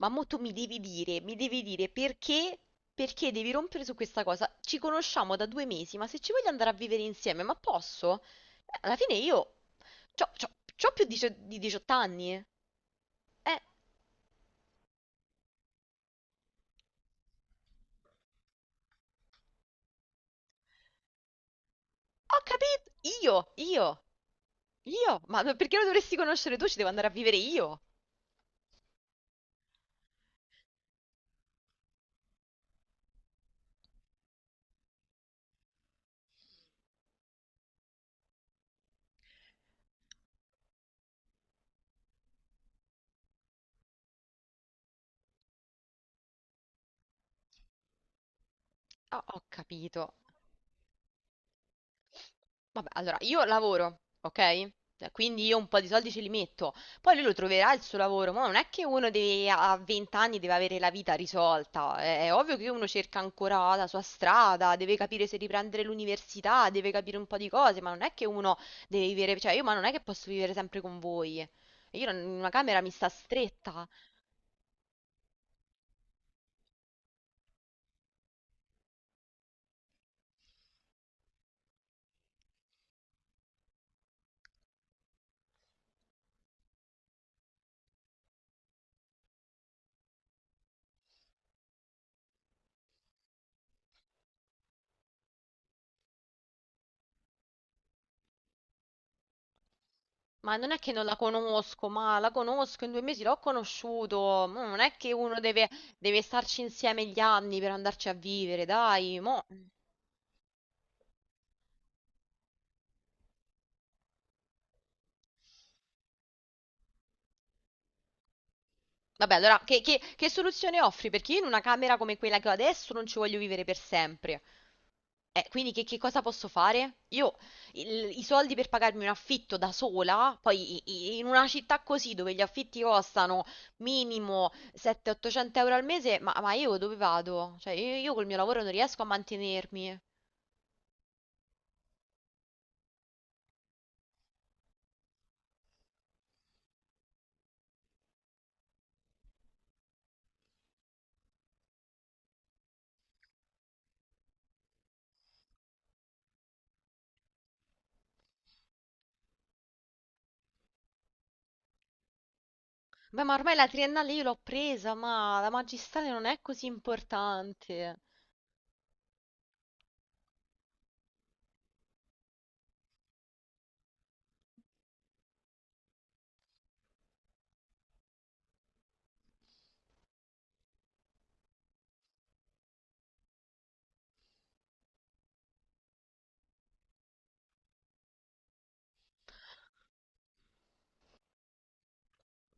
Ma mo tu mi devi dire perché, perché devi rompere su questa cosa. Ci conosciamo da 2 mesi, ma se ci voglio andare a vivere insieme, ma posso? Alla fine io c'ho, c'ho- c'ho più di 18 anni. Eh, ho capito! Io, io, io! Ma perché lo dovresti conoscere tu? Ci devo andare a vivere io! Ah, ho capito. Vabbè, allora io lavoro, ok? Quindi io un po' di soldi ce li metto, poi lui lo troverà il suo lavoro, ma non è che a 20 anni deve avere la vita risolta, è ovvio che uno cerca ancora la sua strada, deve capire se riprendere l'università, deve capire un po' di cose, ma non è che uno deve vivere, cioè io ma non è che posso vivere sempre con voi, io non- una camera mi sta stretta. Ma non è che non la conosco, ma la conosco, in due mesi l'ho conosciuto. Mo non è che deve starci insieme gli anni per andarci a vivere, dai. Mo. Vabbè, allora, che soluzione offri? Perché io in una camera come quella che ho adesso non ci voglio vivere per sempre. Quindi che cosa posso fare? Io i soldi per pagarmi un affitto da sola, poi in una città così dove gli affitti costano minimo 700-800 euro al mese, ma io dove vado? Cioè, io col mio lavoro non riesco a mantenermi. Beh, ma ormai la triennale io l'ho presa, ma la magistrale non è così importante.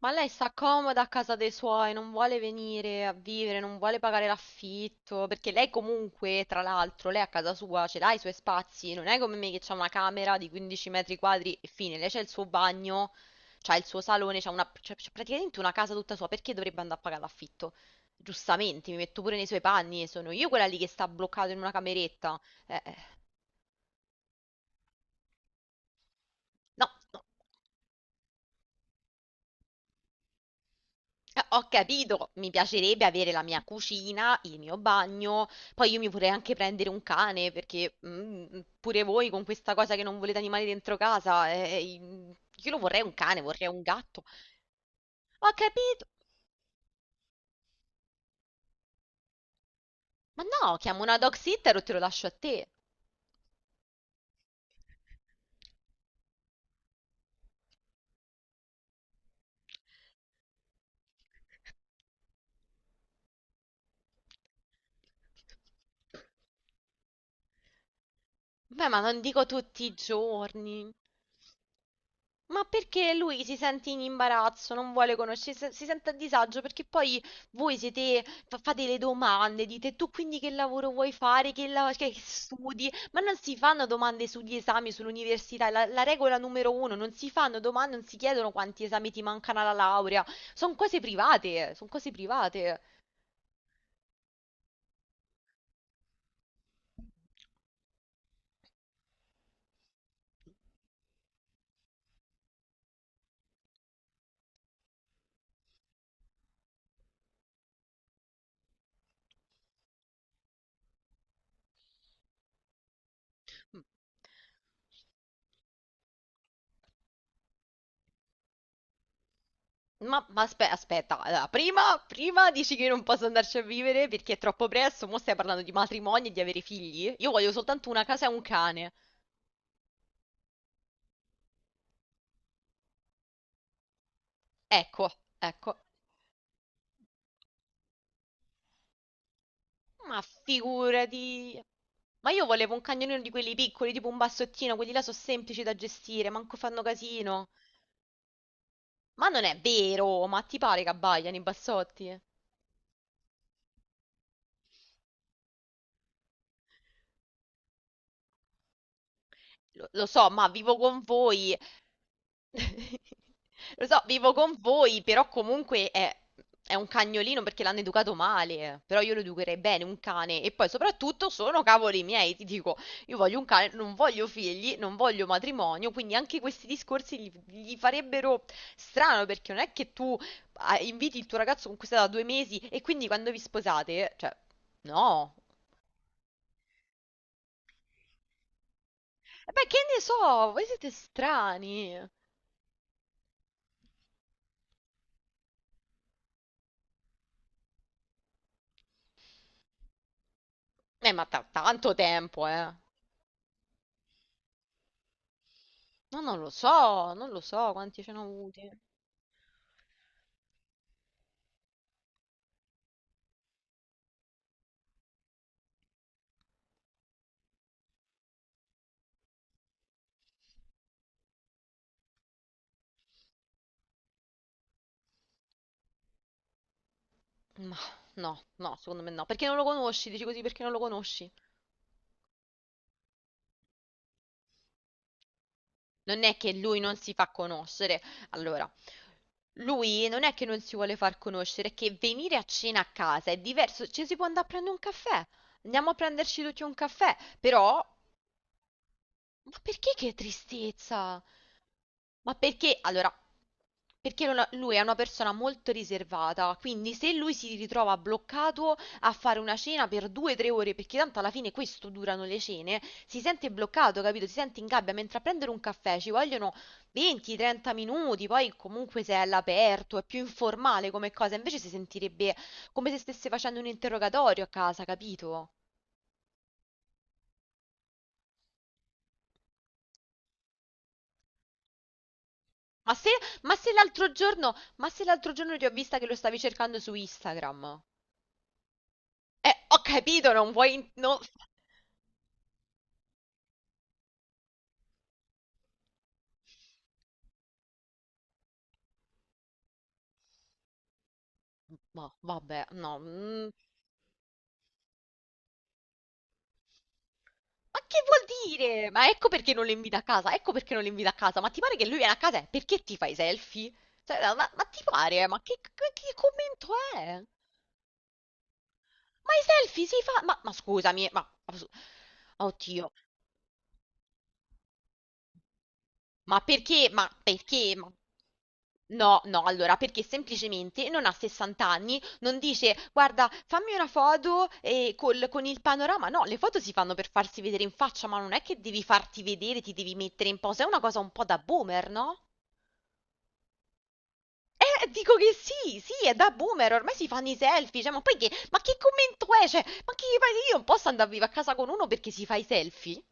Ma lei sta comoda a casa dei suoi, non vuole venire a vivere, non vuole pagare l'affitto, perché lei comunque, tra l'altro, lei a casa sua ce l'ha i suoi spazi, non è come me che c'ha una camera di 15 metri quadri e fine, lei c'ha il suo bagno, c'ha il suo salone, c'ha praticamente una casa tutta sua, perché dovrebbe andare a pagare l'affitto? Giustamente, mi metto pure nei suoi panni, sono io quella lì che sta bloccato in una cameretta. Eh, eh. No, no. Ho capito, mi piacerebbe avere la mia cucina, il mio bagno, poi io mi vorrei anche prendere un cane perché mm, pure voi con questa cosa che non volete animali dentro casa, io lo vorrei un cane, vorrei un gatto. Ho capito, ma no, chiamo una dog sitter o te lo lascio a te. Beh, ma non dico tutti i giorni. Ma perché lui si sente in imbarazzo, non vuole conoscere, si sente a disagio perché poi voi siete, fate le domande, dite tu quindi che lavoro vuoi fare, che studi, ma non si fanno domande sugli esami, sull'università, è la regola numero uno, non si fanno domande, non si chiedono quanti esami ti mancano alla laurea, sono cose private, sono cose private. Aspetta, allora, prima dici che io non posso andarci a vivere perché è troppo presto, mo stai parlando di matrimonio e di avere figli? Io voglio soltanto una casa e un cane. Ecco, ecco. Ma figurati. Ma io volevo un cagnolino di quelli piccoli, tipo un bassottino, quelli là sono semplici da gestire, manco fanno casino. Ma non è vero, ma ti pare che abbaiano i bassotti? Lo so, ma vivo con voi. Lo so, vivo con voi, però comunque è un cagnolino perché l'hanno educato male, eh. Però io lo educherei bene, un cane. E poi soprattutto sono cavoli miei, ti dico, io voglio un cane, non voglio figli, non voglio matrimonio, quindi anche questi discorsi gli farebbero strano perché non è che tu inviti il tuo ragazzo con cui sei da due mesi e quindi quando vi sposate, cioè, no. E beh, che ne so, voi siete strani. Ma tanto tempo, eh. No, non lo so, non lo so quanti ce ne ho avuti. Ma no, no, secondo me no. Perché non lo conosci? Dici così perché non lo conosci? Non è che lui non si fa conoscere. Allora, lui non è che non si vuole far conoscere, è che venire a cena a casa è diverso. Ci si può andare a prendere un caffè. Andiamo a prenderci tutti un caffè. Però, ma perché che tristezza? Ma perché allora? Perché non ha- lui è una persona molto riservata, quindi se lui si ritrova bloccato a fare una cena per 2 o 3 ore, perché tanto alla fine questo durano le cene, si sente bloccato, capito? Si sente in gabbia, mentre a prendere un caffè ci vogliono 20-30 minuti, poi comunque se è all'aperto, è più informale come cosa, invece si sentirebbe come se stesse facendo un interrogatorio a casa, capito? Ma se, ma se l'altro giorno, ma se l'altro giorno ti ho vista che lo stavi cercando su Instagram? Ho capito, non vuoi... ma vabbè, no. Mm. Ma che vuol dire? Ma ecco perché non lo invita a casa, ecco perché non lo invita a casa. Ma ti pare che lui viene a casa? E perché ti fai i selfie? Cioè, ma ti pare? Ma che commento è? Ma i selfie si fa... ma scusami, ma- oddio, ma perché? Ma perché? Ma... No, no, allora, perché semplicemente non ha 60 anni, non dice, guarda, fammi una foto con il panorama. No, le foto si fanno per farsi vedere in faccia, ma non è che devi farti vedere, ti devi mettere in posa. È una cosa un po' da boomer, no? Dico che sì, sì, è da boomer, ormai si fanno i selfie, cioè, ma poi che, ma che commento è? Cioè, ma che, ma io non posso andare vivo a casa con uno perché si fa i selfie?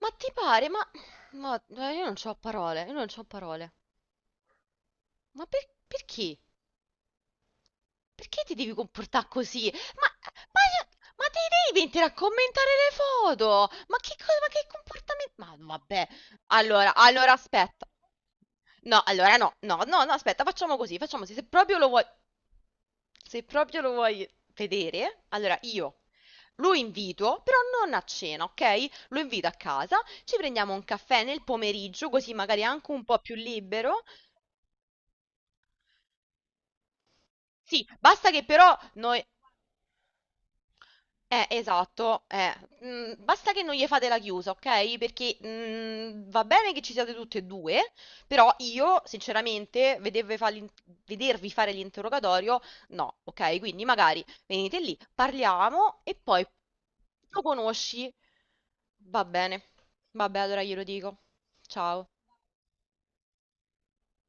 Ma ti pare? Io non c'ho parole, io non c'ho parole. Ma perché? Perché ti devi comportare così? Ma, io- ma te devi mettere a commentare le foto? Ma che cosa, ma che comportamento? Ma no, vabbè, allora, allora aspetta. No, allora no, aspetta, facciamo così, facciamo così. Se proprio lo vuoi, se proprio lo vuoi vedere, allora io lo invito, però non a cena, ok? Lo invito a casa, ci prendiamo un caffè nel pomeriggio, così magari è anche un po' più libero. Sì, basta che però noi... esatto, eh. Mm, basta che non gli fate la chiusa, ok? Perché mm, va bene che ci siate tutte e due, però io, sinceramente, vedervi, vedervi fare l'interrogatorio, no, ok? Quindi magari venite lì, parliamo e poi lo conosci. Va bene, vabbè, allora glielo dico. Ciao.